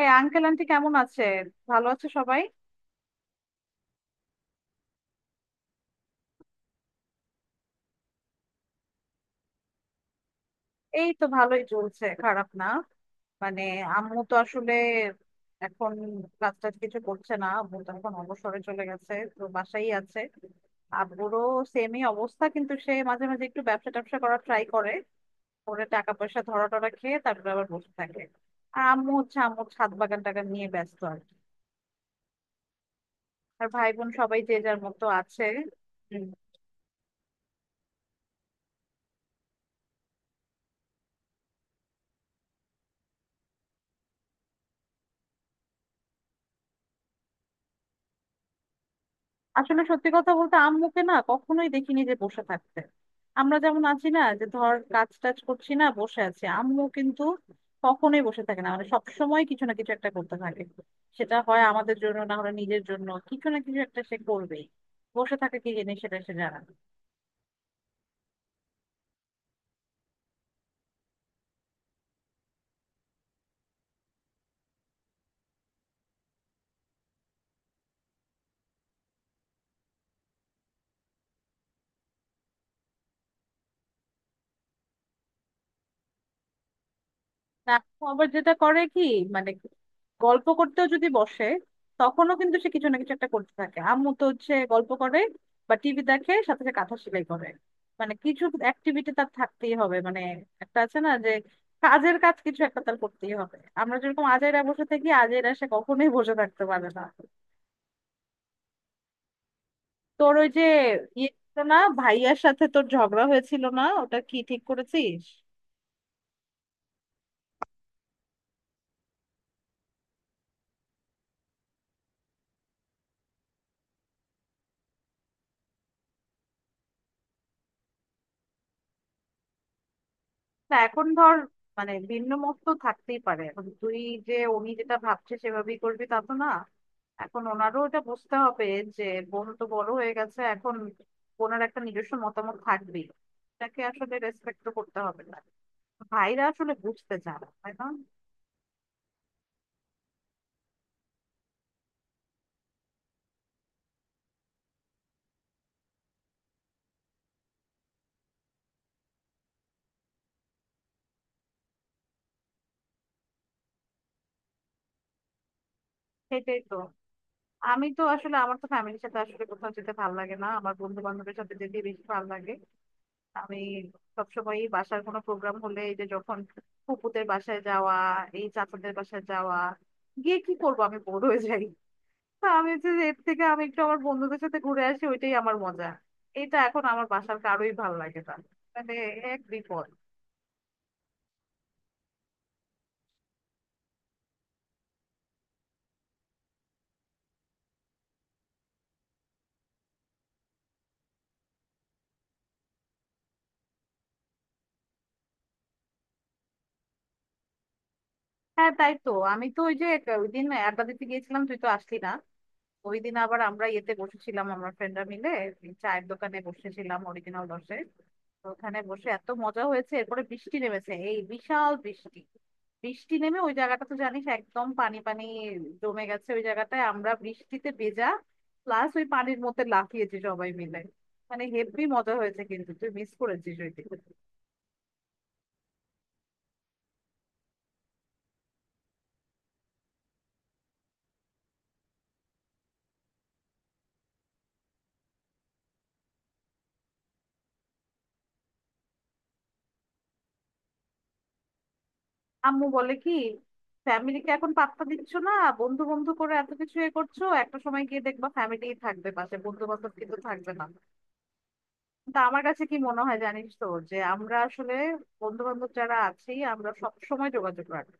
এই uncle auntie কেমন আছে? ভালো আছে সবাই। এই তো ভালোই চলছে, খারাপ না। মানে আম্মু তো আসলে এখন কাজ টাজ কিছু করছে না। আম্মু তো এখন অবসরে চলে গেছে, তো বাসাই আছে। আব্বুরও সেমই অবস্থা, কিন্তু সে মাঝে মাঝে একটু ব্যবসা ট্যাবসা করার ট্রাই করে, করে টাকা পয়সা ধরা টরা খেয়ে তারপরে আবার বসে থাকে। আর আম্মু হচ্ছে, আম্মুর ছাদ বাগান টাগান নিয়ে ব্যস্ত আর কি। আর ভাই বোন সবাই যে যার মতো আছে। আসলে সত্যি কথা বলতে, আম্মুকে না কখনোই দেখিনি যে বসে থাকতে। আমরা যেমন আছি না, যে ধর কাজ টাজ করছি না, বসে আছি, আম্মু কিন্তু কখনোই বসে থাকে না। সবসময় কিছু না কিছু একটা করতে থাকে। সেটা হয় আমাদের জন্য, না হলে নিজের জন্য কিছু না কিছু একটা সে করবেই। বসে থাকে কি জিনিস সেটা সে জানে না। না, ও আবার যেটা করে কি, মানে গল্প করতেও যদি বসে, তখনও কিন্তু সে কিছু না কিছু একটা করতে থাকে। আম্মু তো হচ্ছে গল্প করে বা টিভি দেখে সাথে সাথে কাঁথা সেলাই করে। কিছু অ্যাক্টিভিটি তার থাকতেই হবে। একটা আছে না, যে কাজের কাজ কিছু একটা তার করতেই হবে। আমরা যেরকম আজাইরা বসে থাকি, আজাইরা সে কখনোই বসে থাকতে পারে না। তোর ওই যে ইয়ে ছিল না, ভাইয়ার সাথে তোর ঝগড়া হয়েছিল না, ওটা কি ঠিক করেছিস? না, এখন ধর, ভিন্ন মত তো থাকতেই পারে। এখন তুই যে উনি যেটা ভাবছে সেভাবেই করবি, তা তো না। এখন ওনারও এটা বুঝতে হবে যে বোন তো বড় হয়ে গেছে এখন, বোনের একটা নিজস্ব মতামত থাকবেই। তাকে আসলে রেসপেক্ট তো করতে হবে, না? ভাইরা আসলে বুঝতে চায় না, তাই না? সেটাই তো। আমি তো আসলে, আমার তো ফ্যামিলির সাথে আসলে কোথাও যেতে ভালো লাগে না, আমার বন্ধু বান্ধবের সাথে যেতে বেশি ভালো লাগে। আমি সবসময়ই বাসার কোনো প্রোগ্রাম হলে, এই যে যখন ফুপুদের বাসায় যাওয়া, এই চাচাদের বাসায় যাওয়া, গিয়ে কি করবো, আমি বোর হয়ে যাই। তা আমি হচ্ছে যে এর থেকে আমি একটু আমার বন্ধুদের সাথে ঘুরে আসি, ওইটাই আমার মজা। এটা এখন আমার বাসার কারোই ভালো লাগে না। মানে এক বিপদ। হ্যাঁ তাই তো, আমি তো ওই যে ওই দিন আড্ডা দিতে গিয়েছিলাম, তুই তো আসলি না। ওই দিন আবার আমরা ইয়েতে বসেছিলাম, আমরা ফ্রেন্ডরা মিলে এই চায়ের দোকানে বসেছিলাম অরিজিনাল দশে। তো ওখানে বসে এত মজা হয়েছে, এরপরে বৃষ্টি নেমেছে, এই বিশাল বৃষ্টি। বৃষ্টি নেমে ওই জায়গাটা তো জানিস একদম পানি পানি জমে গেছে। ওই জায়গাটায় আমরা বৃষ্টিতে ভেজা, প্লাস ওই পানির মধ্যে লাফিয়েছি সবাই মিলে। হেব্বি মজা হয়েছে, কিন্তু তুই মিস করেছিস ওই দিন। আম্মু বলে কি, ফ্যামিলিকে এখন পাত্তা দিচ্ছ না, বন্ধু বন্ধু করে এত কিছু এ করছো, একটা সময় গিয়ে দেখবা ফ্যামিলি থাকবে পাশে, বন্ধু বান্ধব কিন্তু থাকবে না। তা আমার কাছে কি মনে হয় জানিস তো, যে আমরা আসলে বন্ধু বান্ধব যারা আছি, আমরা সব সময় যোগাযোগ রাখি।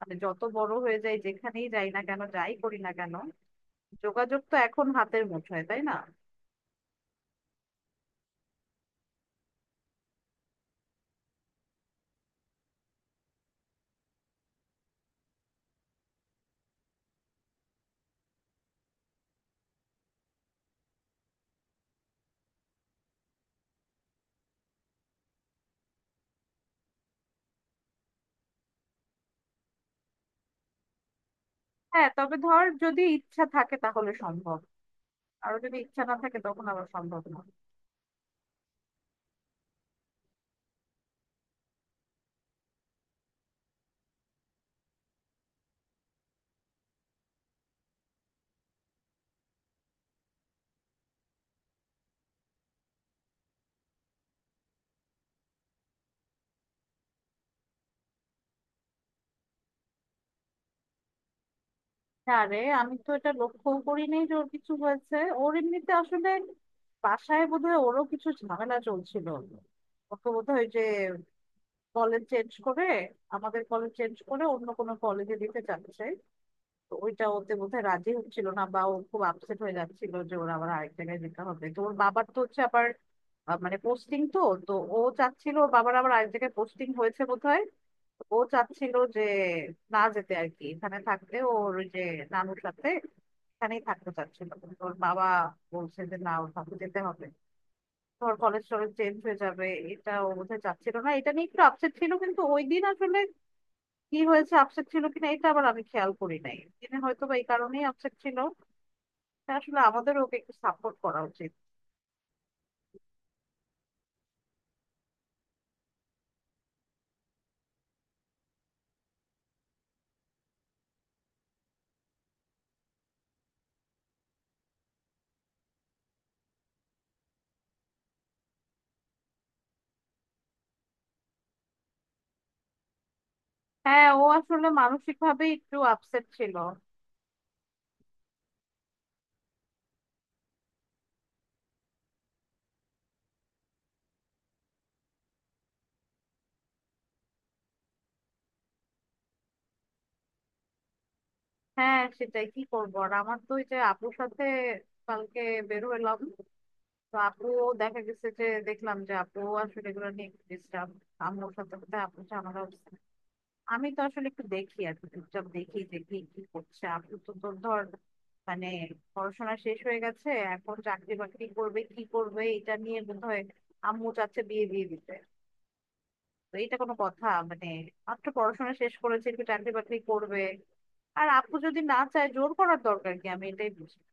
যত বড় হয়ে যাই, যেখানেই যাই না কেন, যাই করি না কেন, যোগাযোগ তো এখন হাতের মুঠোয়, তাই না? হ্যাঁ, তবে ধর যদি ইচ্ছা থাকে তাহলে সম্ভব। আর যদি ইচ্ছা না থাকে, তখন আবার সম্ভব না। হ্যাঁ রে, আমি তো এটা লক্ষ্য করি নাই যে ওর কিছু হয়েছে। ওর এমনিতে আসলে বাসায় বোধহয় ওরও কিছু ঝামেলা চলছিল। ওকে বোধহয় ওই যে কলেজ চেঞ্জ করে, আমাদের কলেজ চেঞ্জ করে অন্য কোনো কলেজে দিতে চাচ্ছে। তো ওইটা ওতে বোধহয় রাজি হচ্ছিল না, বা ও খুব আপসেট হয়ে যাচ্ছিল যে ওর আবার আরেক জায়গায় যেতে হবে। তো ওর বাবার তো হচ্ছে আবার পোস্টিং তো, তো ও চাচ্ছিল, ওর বাবার আবার আরেক জায়গায় পোস্টিং হয়েছে বোধহয়। ও চাচ্ছিল যে না যেতে, আর কি এখানে থাকতে, ওর ওই যে নানুর সাথে এখানেই থাকতে চাচ্ছিল। কিন্তু ওর বাবা বলছে যে না, ওর সাথে যেতে হবে, ধর কলেজ টলেজ চেঞ্জ হয়ে যাবে। এটা ও বোধহয় চাচ্ছিল না, এটা নিয়ে একটু আপসেট ছিল। কিন্তু ওই দিন আসলে কি হয়েছে, আপসেট ছিল কিনা এটা আবার আমি খেয়াল করি নাই। তিনি হয়তো বা এই কারণেই আপসেট ছিল। তা আসলে আমাদের ওকে একটু সাপোর্ট করা উচিত। হ্যাঁ, ও আসলে মানসিক ভাবে একটু আপসেট ছিল। হ্যাঁ সেটাই, কি করবো আর। আমার তো ওই যে আপুর সাথে কালকে বেরোলাম, তো আপু, দেখা গেছে যে, দেখলাম যে আপু আসলে এগুলো নিয়ে একটু ডিস্টার্ব। আমার সাথে বোধহয় আপুর ঝামেলা হচ্ছে। আমি তো আসলে একটু দেখি আর কি, চুপচাপ দেখি যে কি কি করছে। আপু তো তোর ধর, মানে পড়াশোনা শেষ হয়ে গেছে, এখন চাকরি বাকরি করবে কি করবে এটা নিয়ে বোধহয়, আম্মু চাচ্ছে বিয়ে দিয়ে দিতে। তো এটা কোনো কথা? মাত্র পড়াশোনা শেষ করেছে, একটু চাকরি বাকরি করবে। আর আপু যদি না চায়, জোর করার দরকার কি, আমি এটাই বুঝি না।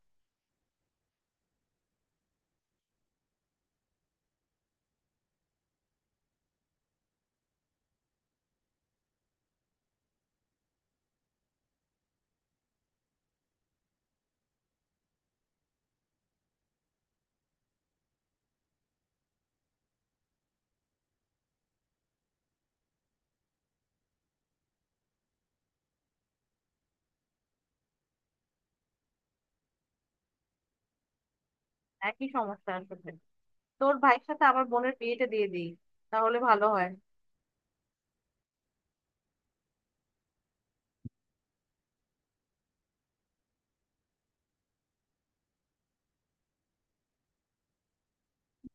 একই সমস্যা আসলে। তোর ভাইয়ের সাথে আমার বোনের বিয়েটা দিয়ে দিই, তাহলে ভালো হয়।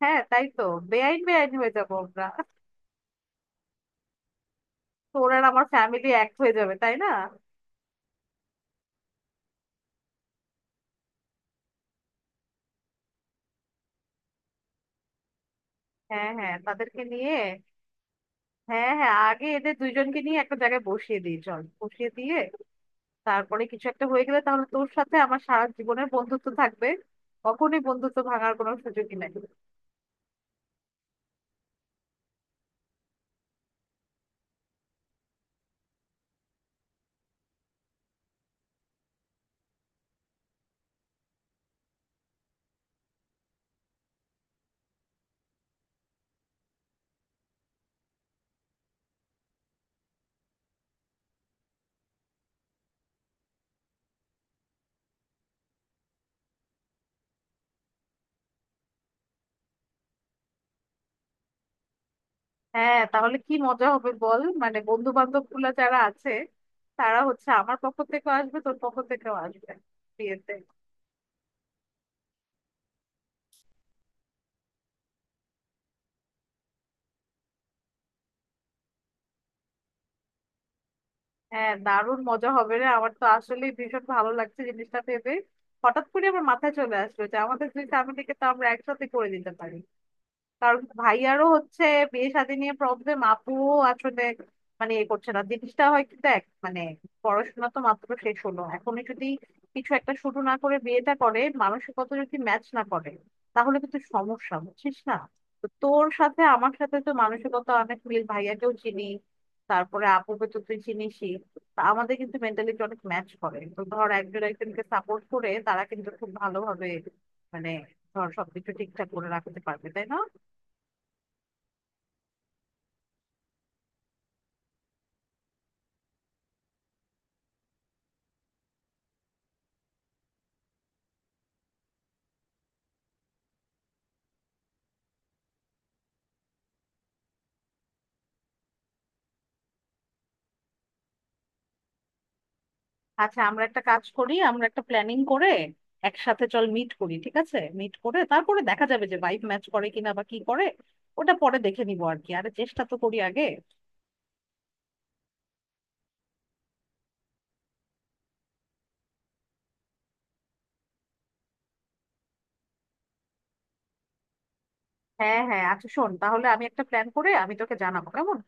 হ্যাঁ তাই তো। বেআইন বেআইন হয়ে যাবো আমরা, তোর আর আমার ফ্যামিলি এক হয়ে যাবে, তাই না? হ্যাঁ হ্যাঁ, তাদেরকে নিয়ে। হ্যাঁ হ্যাঁ, আগে এদের দুইজনকে নিয়ে একটা জায়গায় বসিয়ে দিই, চল, বসিয়ে দিয়ে, তারপরে কিছু একটা হয়ে গেলে, তাহলে তোর সাথে আমার সারা জীবনের বন্ধুত্ব থাকবে। কখনোই বন্ধুত্ব ভাঙার কোনো সুযোগই নাই। হ্যাঁ তাহলে কি মজা হবে বল, বন্ধু বান্ধব গুলা যারা আছে, তারা হচ্ছে আমার পক্ষ থেকেও আসবে, তোর পক্ষ থেকেও আসবে বিয়েতে। হ্যাঁ, দারুণ মজা হবে রে, আমার তো আসলে ভীষণ ভালো লাগছে জিনিসটা ভেবে। হঠাৎ করে আমার মাথায় চলে আসলো যে আমাদের দুই ফ্যামিলিকে তো আমরা একসাথে করে দিতে পারি। কারণ ভাইয়ারও হচ্ছে বিয়ে শাদী নিয়ে প্রবলেম, আপুও আসলে এ করছে না। জিনিসটা হয় কি দেখ, পড়াশোনা তো মাত্র শেষ হলো, এখনই যদি কিছু একটা শুরু না করে বিয়েটা করে, মানসিকতা যদি ম্যাচ না করে তাহলে কিন্তু সমস্যা, বুঝছিস না? তো তোর সাথে আমার সাথে তো মানসিকতা অনেক মিল, ভাইয়াকেও চিনি, তারপরে আপুকে তো তুই চিনিসই। তা আমাদের কিন্তু মেন্টালিটি অনেক ম্যাচ করে। তো ধর একজন একজনকে সাপোর্ট করে, তারা কিন্তু খুব ভালোভাবে, মানে ধর সবকিছু ঠিকঠাক করে রাখতে পারবে, তাই না? আচ্ছা আমরা একটা কাজ করি, আমরা একটা প্ল্যানিং করে একসাথে চল মিট করি, ঠিক আছে? মিট করে তারপরে দেখা যাবে যে ভাইব ম্যাচ করে কিনা বা কি করে, ওটা পরে দেখে নিবো আর কি। আরে চেষ্টা তো করি আগে। হ্যাঁ হ্যাঁ, আচ্ছা শোন, তাহলে আমি একটা প্ল্যান করে আমি তোকে জানাবো, কেমন?